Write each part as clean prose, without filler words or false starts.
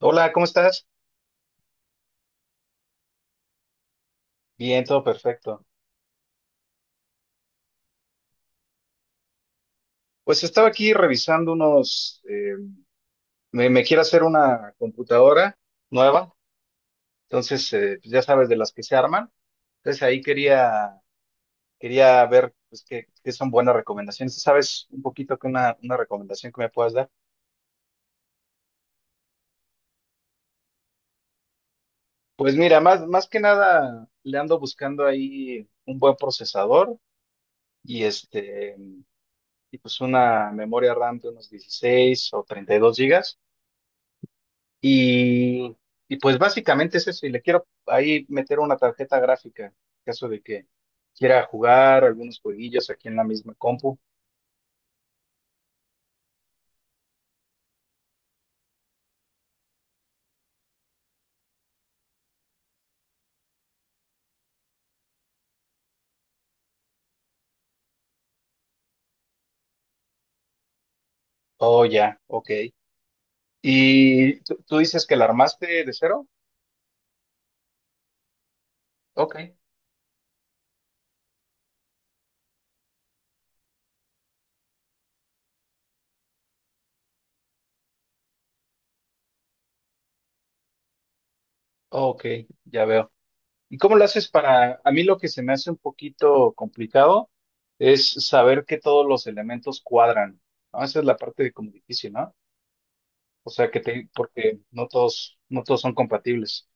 Hola, ¿cómo estás? Bien, todo perfecto. Pues estaba aquí revisando unos, me quiero hacer una computadora nueva, entonces pues ya sabes de las que se arman. Entonces ahí quería ver pues, qué son buenas recomendaciones. ¿Tú ¿Sabes un poquito que una recomendación que me puedas dar? Pues mira, más que nada le ando buscando ahí un buen procesador y y pues una memoria RAM de unos 16 o 32 gigas. Y, y pues básicamente es eso, y le quiero ahí meter una tarjeta gráfica, en caso de que quiera jugar algunos jueguillos aquí en la misma compu. Oh, ya, ok. ¿Y tú dices que la armaste de cero? Ok, ok, ya veo. ¿Y cómo lo haces a mí lo que se me hace un poquito complicado es saber que todos los elementos cuadran, ¿no? Esa es la parte como difícil, ¿no? O sea, porque no todos son compatibles.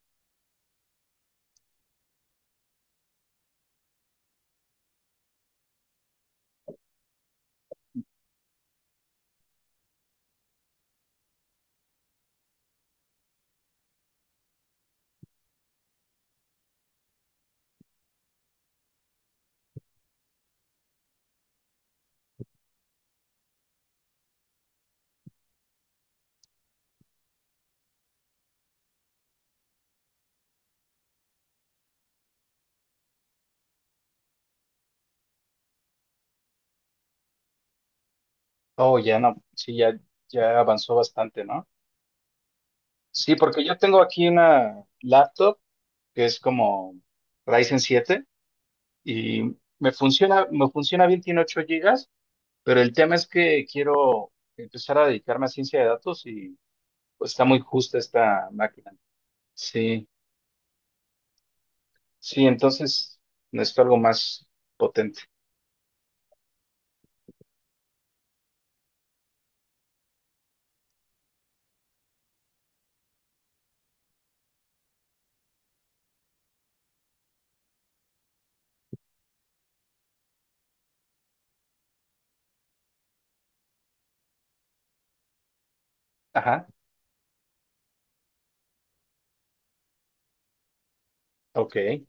Oh, ya no, sí, ya, ya avanzó bastante, ¿no? Sí, porque yo tengo aquí una laptop que es como Ryzen 7 y me funciona bien, tiene 8 gigas, pero el tema es que quiero empezar a dedicarme a ciencia de datos y pues está muy justa esta máquina. Sí, sí, entonces necesito algo más potente. Ajá, ok.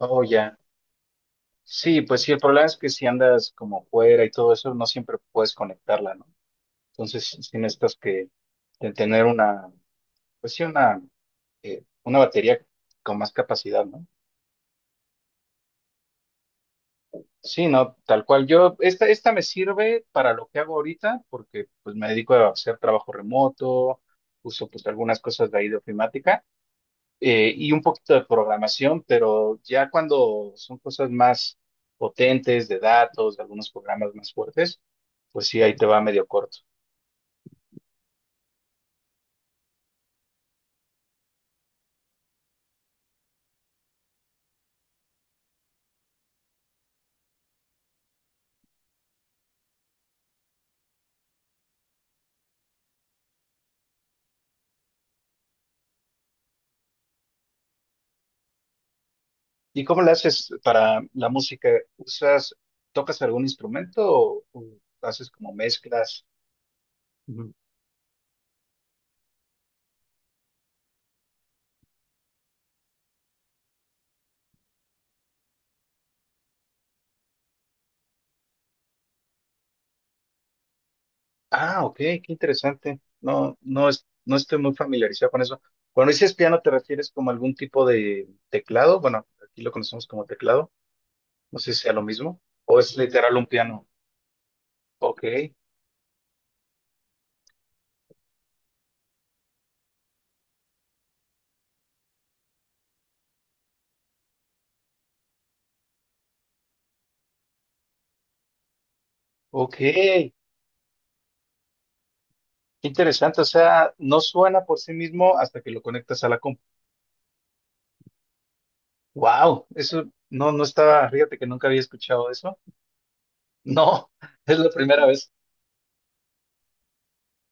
Oh, ya. Sí, pues sí, el problema es que si andas como fuera y todo eso, no siempre puedes conectarla, ¿no? Entonces, si necesitas que de tener una, pues sí, una batería con más capacidad, ¿no? Sí, no, tal cual. Esta me sirve para lo que hago ahorita, porque pues me dedico a hacer trabajo remoto, uso pues algunas cosas de ahí de ofimática, y un poquito de programación, pero ya cuando son cosas más potentes de datos, de algunos programas más fuertes, pues sí, ahí te va medio corto. ¿Y cómo le haces para la música? ¿Usas, tocas algún instrumento o haces como mezclas? Ujú. Ah, ok, qué interesante. No, no estoy muy familiarizado con eso. Cuando dices piano, ¿te refieres como a algún tipo de teclado? Bueno, aquí lo conocemos como teclado. No sé si sea lo mismo. ¿O es literal un piano? Ok, ok. Qué interesante. O sea, no suena por sí mismo hasta que lo conectas a la compu. Wow, eso fíjate que nunca había escuchado eso. No, es la primera vez.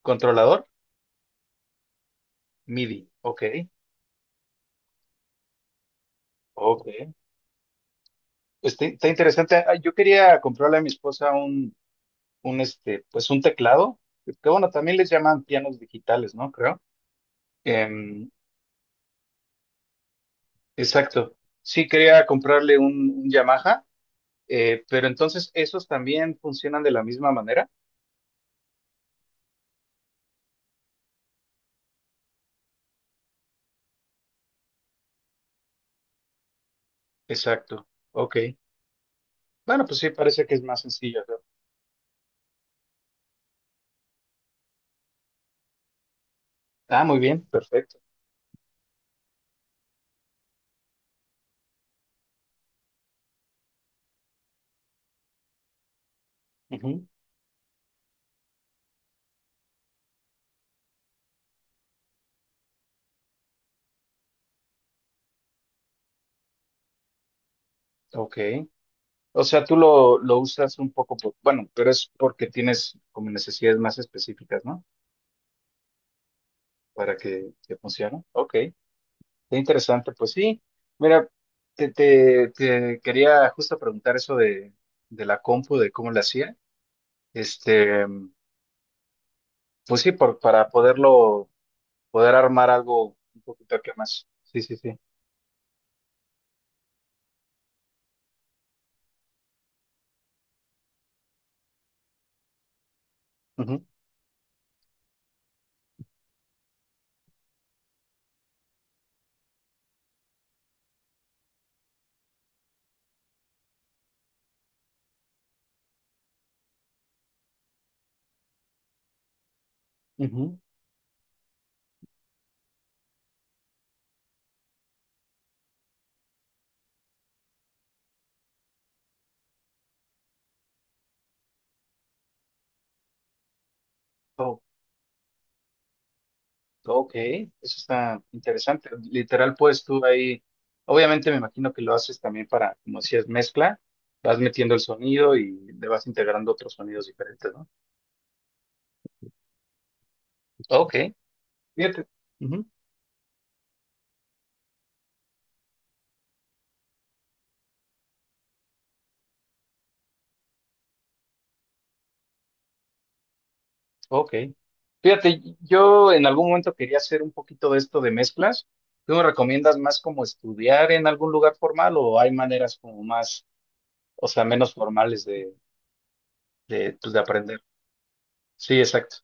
Controlador MIDI. Ok, ok. Pues está interesante. Ah, yo quería comprarle a mi esposa pues un teclado. Que bueno, también les llaman pianos digitales, ¿no? Creo. Em, exacto. Sí, quería comprarle un Yamaha, pero entonces esos también funcionan de la misma manera. Exacto. Ok. Bueno, pues sí, parece que es más sencillo, ¿no? Ah, muy bien, perfecto. Ujú, ok. O sea, tú lo usas un poco, bueno, pero es porque tienes como necesidades más específicas, ¿no? Para que funcione. Ok, qué interesante. Pues sí, mira, te quería justo preguntar eso de la compu, de cómo la hacía. Este, pues sí, poder armar algo un poquito que más. Sí, sí, sí. Ujú, ujú. Ok, eso está interesante. Literal, pues tú ahí, obviamente me imagino que lo haces también como si es mezcla, vas metiendo el sonido y le vas integrando otros sonidos diferentes, ¿no? Ok, fíjate. Ujú, ok. Fíjate, yo en algún momento quería hacer un poquito de esto de mezclas. ¿Tú me recomiendas más como estudiar en algún lugar formal o hay maneras como más, o sea, menos formales de, pues, de aprender? Sí, exacto.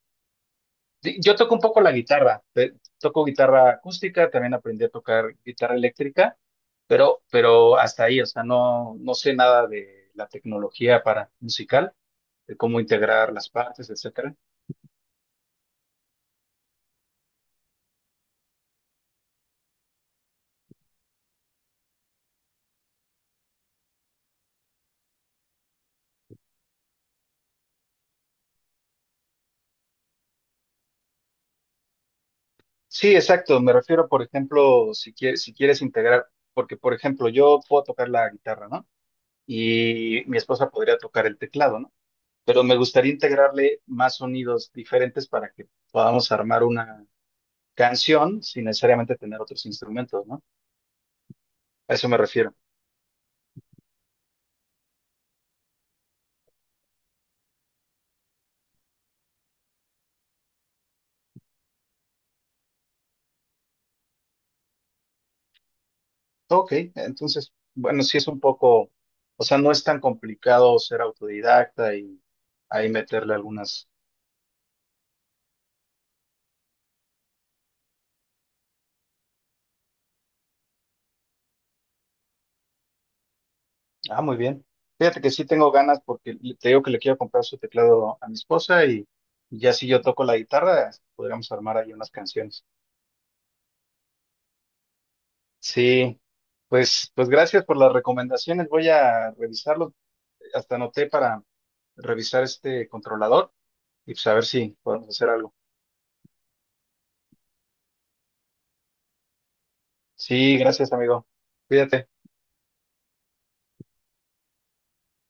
Yo toco un poco la guitarra, toco guitarra acústica, también aprendí a tocar guitarra eléctrica, pero hasta ahí, o sea, no sé nada de la tecnología para musical, de cómo integrar las partes, etcétera. Sí, exacto, me refiero, por ejemplo, si quieres integrar, porque, por ejemplo, yo puedo tocar la guitarra, ¿no? Y mi esposa podría tocar el teclado, ¿no? Pero me gustaría integrarle más sonidos diferentes para que podamos armar una canción sin necesariamente tener otros instrumentos, ¿no? A eso me refiero. Ok, entonces, bueno, sí es un poco, o sea, no es tan complicado ser autodidacta y ahí meterle algunas. Ah, muy bien. Fíjate que sí tengo ganas porque te digo que le quiero comprar su teclado a mi esposa y ya si yo toco la guitarra, podríamos armar ahí unas canciones. Sí, pues gracias por las recomendaciones. Voy a revisarlo. Hasta anoté para revisar este controlador y pues a ver si podemos hacer algo. Sí, gracias, amigo. Cuídate.